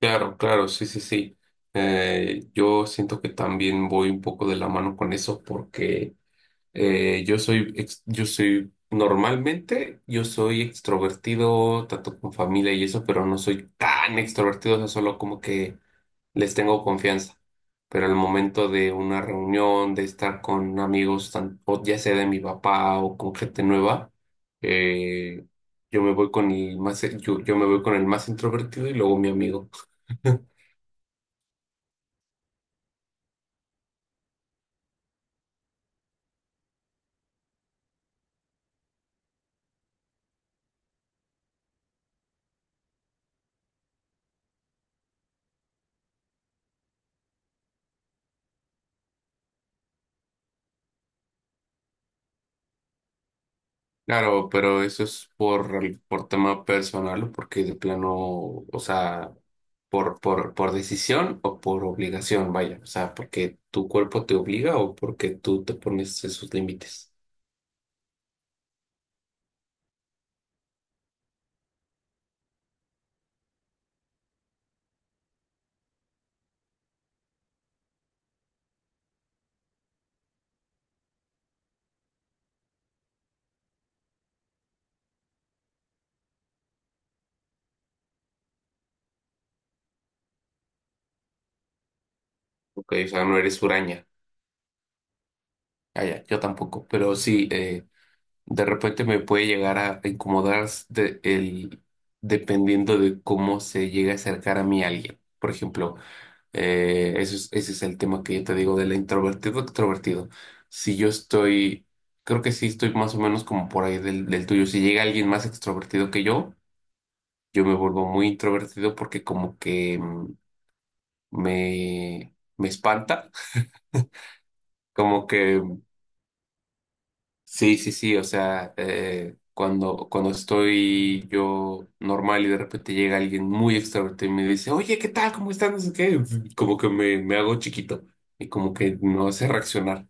Claro, claro, sí, sí, sí. Yo siento que también voy un poco de la mano con eso porque yo soy, normalmente yo soy extrovertido, tanto con familia y eso, pero no soy tan extrovertido, o sea, solo como que les tengo confianza. Pero al momento de una reunión, de estar con amigos, o ya sea de mi papá o con gente nueva, eh, yo me voy con el más, yo yo me voy con el más introvertido y luego mi amigo. Claro, pero eso es por tema personal, o porque de plano, o sea, por decisión o por obligación, vaya, o sea, porque tu cuerpo te obliga o porque tú te pones esos límites. Ok, o sea, no eres huraña. Ah, ya, yo tampoco, pero sí, de repente me puede llegar a incomodar dependiendo de cómo se llega a acercar a mí alguien. Por ejemplo, ese es el tema que yo te digo del introvertido extrovertido. Si yo estoy, creo que sí estoy más o menos como por ahí del tuyo. Si llega alguien más extrovertido que yo me vuelvo muy introvertido porque como que me espanta. Como que sí, sí, sí. O sea, cuando estoy yo normal y de repente llega alguien muy extrovertido y me dice, oye, ¿qué tal? ¿Cómo estás? No sé qué. Como que me hago chiquito y como que no sé reaccionar.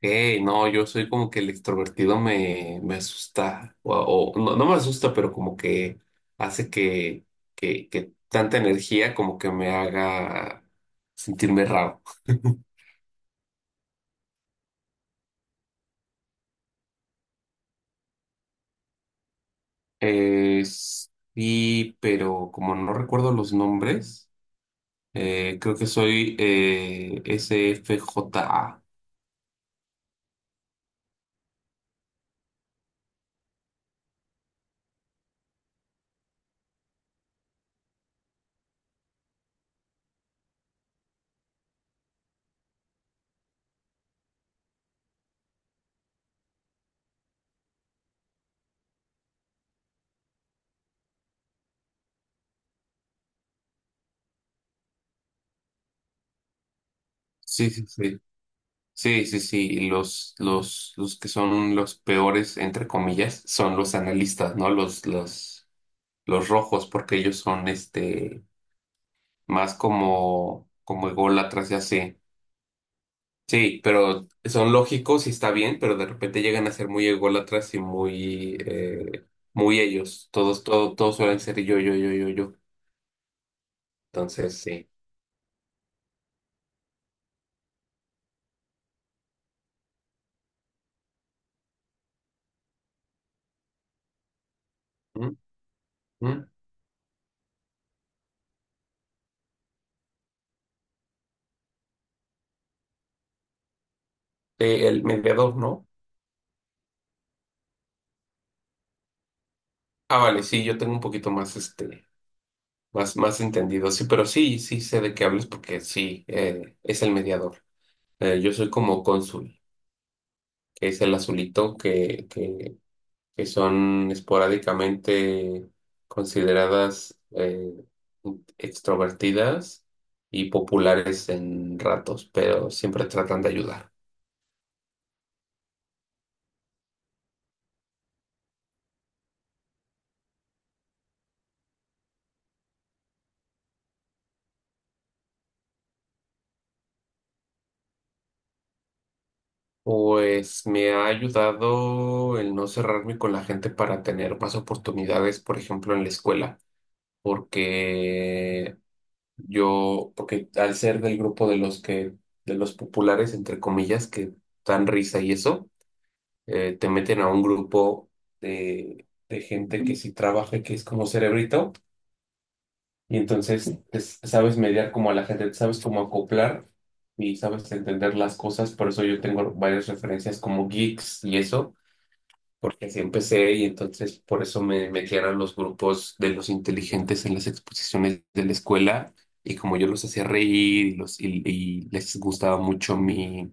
Hey, no, yo soy como que el extrovertido me asusta, no, no me asusta, pero como que hace que tanta energía como que me haga sentirme raro. Eh, sí, pero como no recuerdo los nombres, creo que soy S F J A. Sí, sí, sí. Sí, sí, sí. Y los que son los peores, entre comillas, son los analistas, ¿no? Los rojos, porque ellos son este más como ególatras y así. Sí, pero son lógicos y está bien, pero de repente llegan a ser muy ególatras y muy, muy ellos. Todos suelen ser yo, yo, yo, yo, yo. Entonces, sí. ¿Mm? ¿Mm? El mediador, ¿no? Ah, vale, sí, yo tengo un poquito más este, más entendido. Sí, pero sí, sí sé de qué hablas porque sí, es el mediador. Yo soy como cónsul, que es el azulito que son esporádicamente consideradas extrovertidas y populares en ratos, pero siempre tratan de ayudar. Pues me ha ayudado el no cerrarme con la gente para tener más oportunidades, por ejemplo, en la escuela, porque yo, porque al ser del grupo de los que, de los populares, entre comillas, que dan risa y eso, te meten a un grupo de gente que sí trabaja, que es como cerebrito, y entonces te sabes mediar como a la gente, sabes cómo acoplar y sabes entender las cosas, por eso yo tengo varias referencias como geeks y eso, porque así empecé y entonces por eso me metían a los grupos de los inteligentes en las exposiciones de la escuela. Y como yo los hacía reír y, los, y les gustaba mucho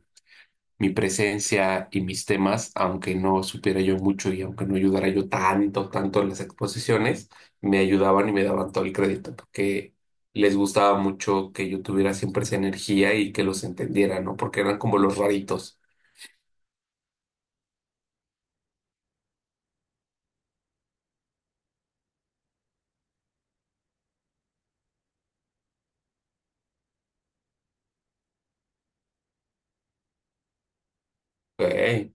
mi presencia y mis temas, aunque no supiera yo mucho y aunque no ayudara yo tanto, tanto en las exposiciones, me ayudaban y me daban todo el crédito, porque les gustaba mucho que yo tuviera siempre esa energía y que los entendiera, ¿no? Porque eran como los raritos. Ok,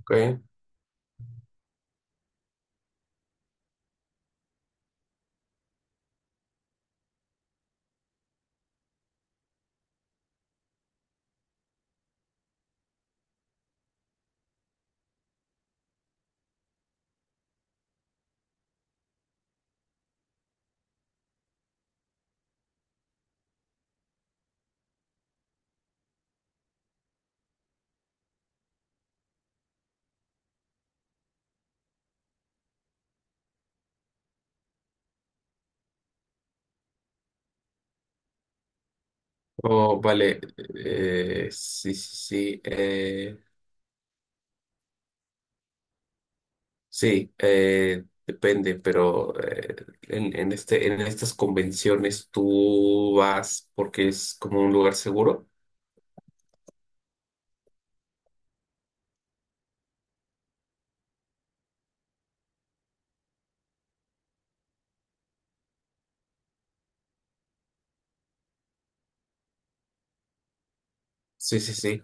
ok. Oh, vale. Sí, sí, sí. Sí, depende, pero en este, en estas convenciones tú vas porque es como un lugar seguro. Sí, sí, sí.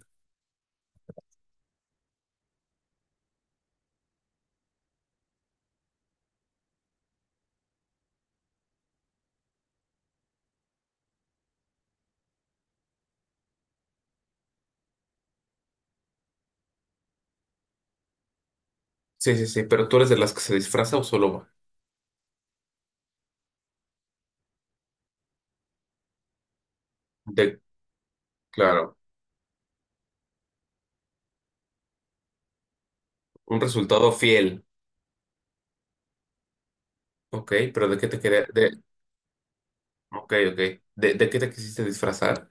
Sí, sí, sí. Pero ¿tú eres de las que se disfraza o solo va? De, claro, un resultado fiel. Ok, pero ¿de qué te quería? De, ok, ok. De qué te quisiste disfrazar?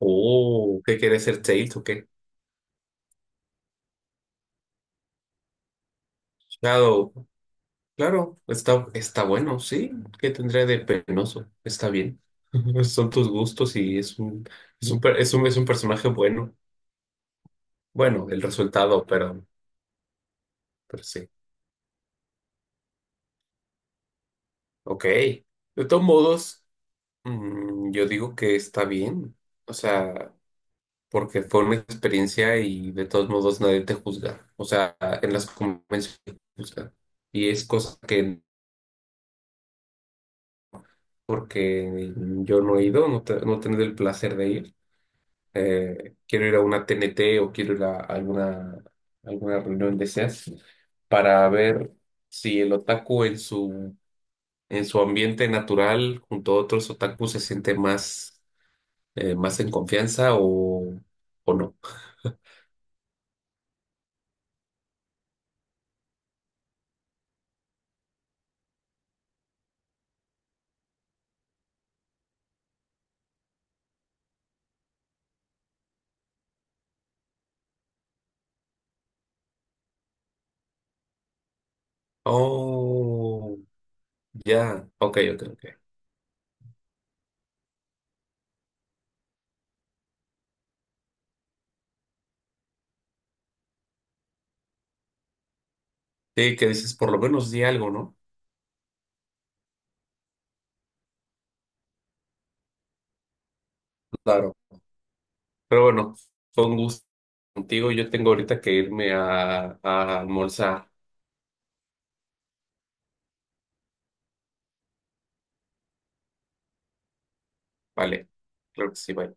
Oh, ¿qué quieres ser Tails o qué? Shadow. Claro, está, está bueno, sí. ¿Qué tendría de penoso? Está bien. Son tus gustos y es un, es un personaje bueno. Bueno, el resultado, pero sí. Ok. De todos modos. Mm, yo digo que está bien, o sea, porque fue una experiencia y de todos modos nadie te juzga, o sea, en las convenciones te juzgan. Y es cosa que, porque yo no he ido, no he tenido el placer de ir, quiero ir a una TNT o quiero ir a alguna, alguna reunión de esas para ver si el otaku en en su ambiente natural junto a otros otakus se siente más más en confianza o no. Oh, ya, ok, ok, ok. Sí, que dices, por lo menos di algo, ¿no? Claro. Pero bueno, fue un gusto contigo. Yo tengo ahorita que irme a almorzar. Vale, claro que sí, bye.